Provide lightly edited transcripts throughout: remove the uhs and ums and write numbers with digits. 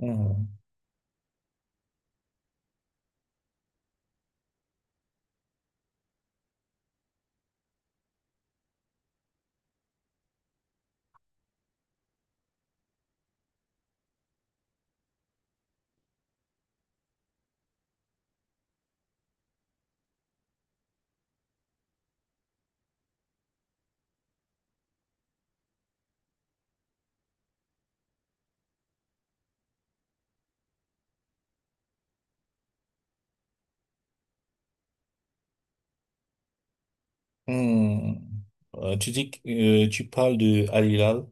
Hmm. Hmm. Tu dis que tu parles de Al Hilal.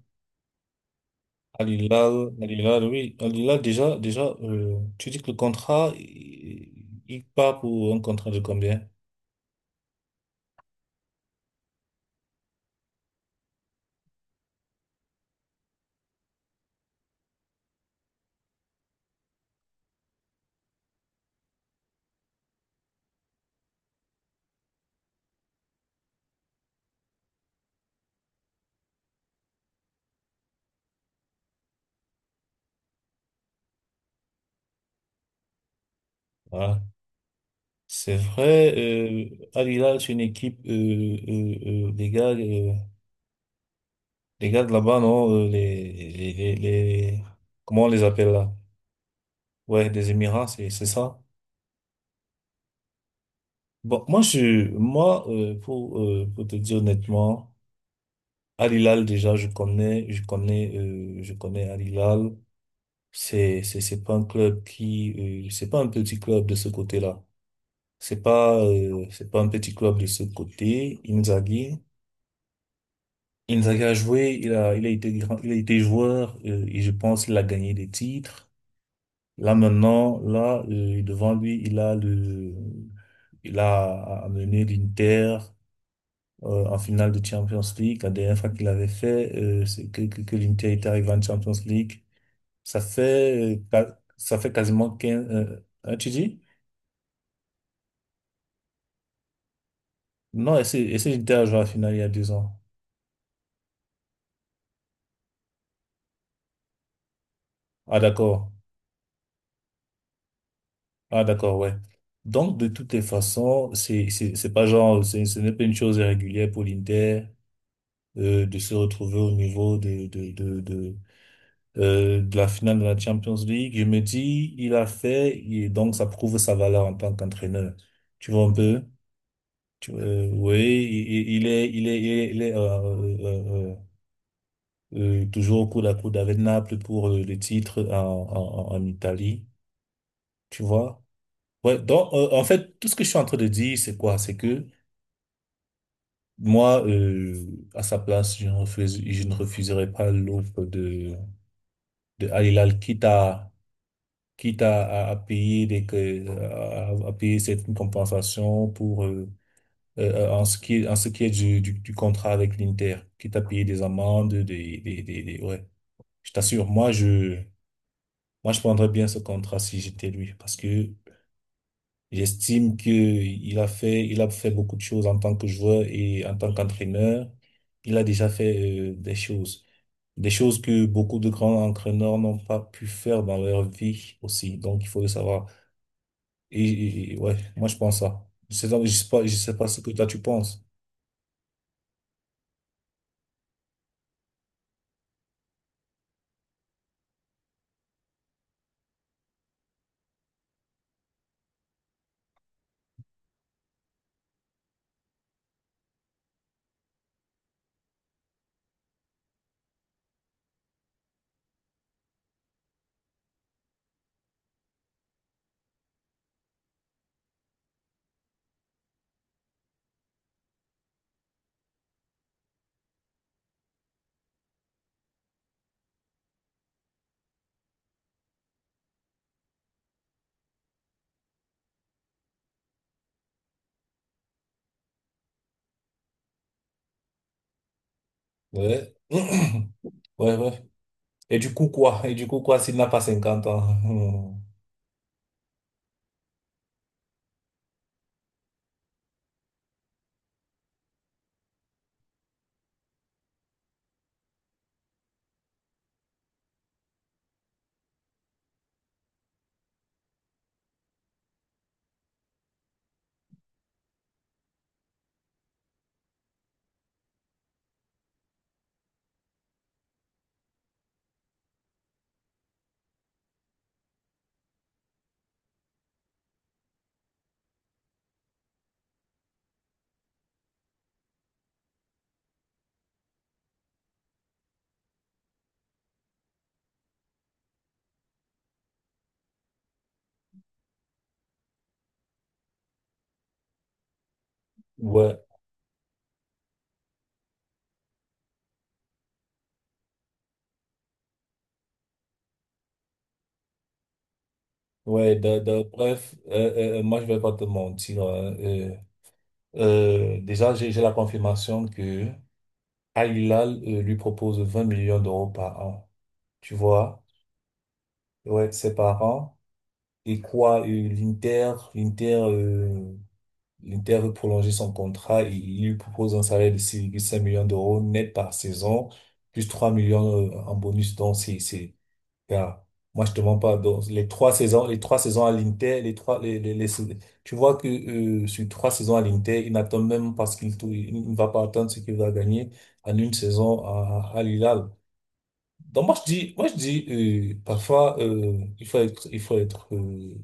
Al Hilal, Al Hilal, oui. Al Hilal, déjà, déjà, tu dis que le contrat, il part pour un contrat de combien? Voilà. C'est vrai, Al Hilal, c'est une équipe, les gars de là-bas, non, comment on les appelle là? Ouais, des Émirats, c'est ça. Bon, moi, pour te dire honnêtement, Al Hilal, déjà, je connais Al Hilal. C'est pas un petit club de ce côté-là. C'est pas un petit club de ce côté. Inzaghi a joué, il a été grand, il a été joueur, et je pense qu'il a gagné des titres. Là, maintenant, là, devant lui, il a amené l'Inter en finale de Champions League. La dernière fois qu'il avait fait, c'est que l'Inter était arrivé en Champions League. Ça fait quasiment 15, hein, tu dis? Non, essaye j'étais à jouer à la finale il y a 2 ans. Ah, d'accord. Ah, d'accord, ouais. Donc, de toutes les façons, c'est pas genre, c'est- ce n'est pas une chose régulière pour l'Inter, de se retrouver au niveau de la finale de la Champions League. Je me dis, il a fait, et donc ça prouve sa valeur en tant qu'entraîneur. Tu vois un peu? Oui, il est toujours coup à coude avec Naples pour le titre en Italie, tu vois. Ouais, donc, en fait, tout ce que je suis en train de dire, c'est quoi? C'est que moi, à sa place, je ne refuserais pas l'offre de Al Hilal, quitte à payer des, que- à payer cette compensation pour, en ce qui est du contrat avec l'Inter, quitte à payer des amendes, ouais. Je t'assure, moi, je prendrais bien ce contrat si j'étais lui, parce que j'estime que il a fait beaucoup de choses en tant que joueur et en tant qu'entraîneur. Il a déjà fait des choses que beaucoup de grands entraîneurs n'ont pas pu faire dans leur vie aussi. Donc, il faut le savoir. Et ouais, moi, je pense ça. Je sais pas ce que toi tu penses. Ouais, ouais, ouais. Et du coup quoi? Et du coup quoi s'il n'a pas 50 ans? Ouais. Ouais, bref, moi je vais pas te mentir, hein. Déjà, j'ai la confirmation que Al Hilal lui propose 20 millions d'euros par an. Tu vois? Ouais, ses parents. Et quoi, l'Inter veut prolonger son contrat, et il lui propose un salaire de 6,5 millions d'euros net par saison, plus 3 millions en bonus. Donc, car moi, je te mens pas. Donc, les 3 saisons à l'Inter, les trois, les- tu vois que sur 3 saisons à l'Inter, il n'attend même pas ce il ne va pas attendre ce qu'il va gagner en une saison à l'Hilal. Donc moi, je dis, parfois, il faut être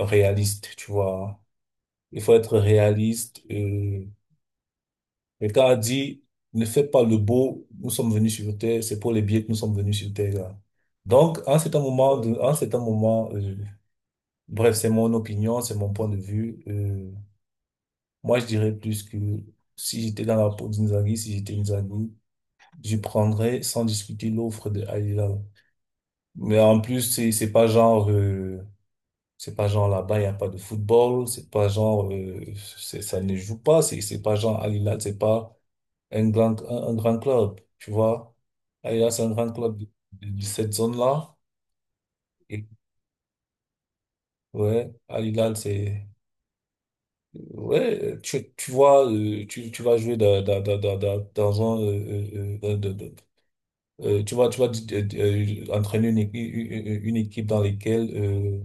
réaliste, tu vois. Il faut être réaliste. Quelqu'un a dit, ne fais pas le beau. Nous sommes venus sur Terre. C'est pour les billets que nous sommes venus sur Terre, là. Donc, en cet moment, bref, c'est mon opinion, c'est mon point de vue. Moi, je dirais plus que si j'étais dans la peau d'Inzaghi, si j'étais Inzaghi, je prendrais sans discuter l'offre de Al Hilal. Mais en plus, c'est pas genre, c'est pas genre là-bas il y a pas de football, c'est pas genre, ça ne joue pas, c'est pas genre Al Hilal, c'est pas un grand club, tu vois. Al Hilal c'est un grand club de cette zone-là. Et ouais, Al Hilal c'est... Ouais, tu vois, tu vas jouer dans un, tu vas entraîner une équipe dans laquelle,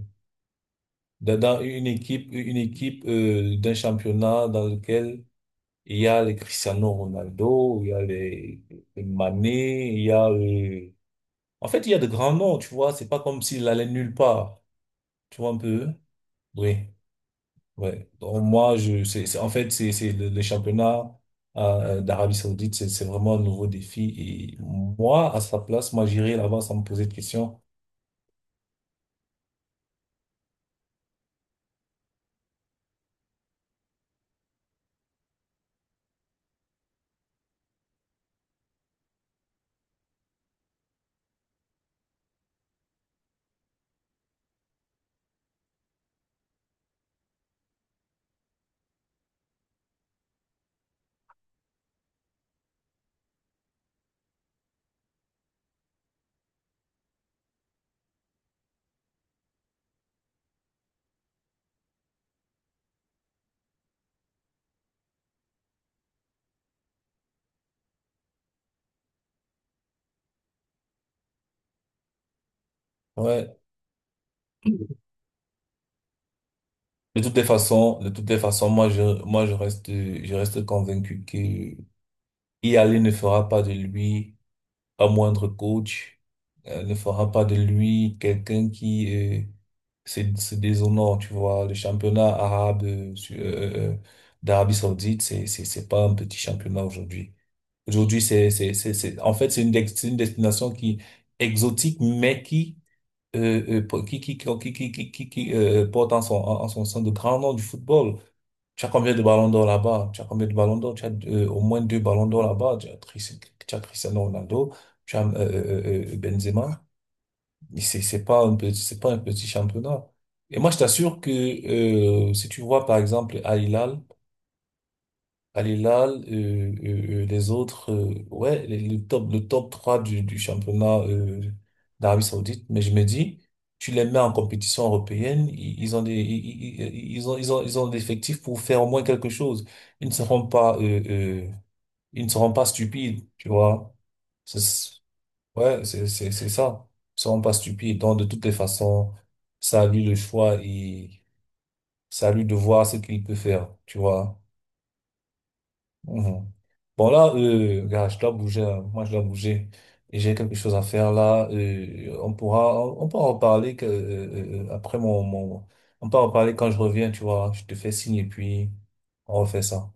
dans une équipe d'un championnat dans lequel il y a les Cristiano Ronaldo, il y a les Mané, il y a, en fait, il y a de grands noms, tu vois, c'est pas comme s'il allait nulle part, tu vois un peu, oui. Ouais. Donc, moi, je, c'est- en fait, c'est le championnat d'Arabie Saoudite, c'est vraiment un nouveau défi. Et moi, à sa place, moi, j'irais là-bas sans me poser de questions. Ouais. De toutes les façons, je reste convaincu que y aller ne fera pas de lui un moindre coach, ne fera pas de lui quelqu'un qui, se déshonore, tu vois. Le championnat arabe, d'Arabie Saoudite, c'est pas un petit championnat aujourd'hui. Aujourd'hui, en fait, c'est c'est une destination qui exotique, mais qui, porte en son sein de grands noms du football. Tu as combien de ballons d'or là-bas? Tu as combien de ballons d'or? Tu as au moins deux ballons d'or là-bas. Tu as Cristiano Ronaldo, tu as Benzema. Mais c'est pas un petit, c'est pas un petit championnat. Et moi, je t'assure que, si tu vois par exemple Al Hilal, les autres, ouais, le top 3 du championnat d'Arabie Saoudite. Mais je me dis, tu les mets en compétition européenne, ils ont des effectifs pour faire au moins quelque chose. Ils ne seront pas, euh, euh, Ils ne seront pas stupides, tu vois. C'est, c'est- ouais, c'est ça. Ils ne seront pas stupides. Donc, de toutes les façons, c'est à lui le choix et c'est à lui de voir ce qu'il peut faire, tu vois. Mhm. Bon là, regarde, je dois bouger, hein. Moi, je dois bouger. Et j'ai quelque chose à faire là. On pourra en parler, que, après on pourra en parler quand je reviens, tu vois. Je te fais signe et puis on refait ça.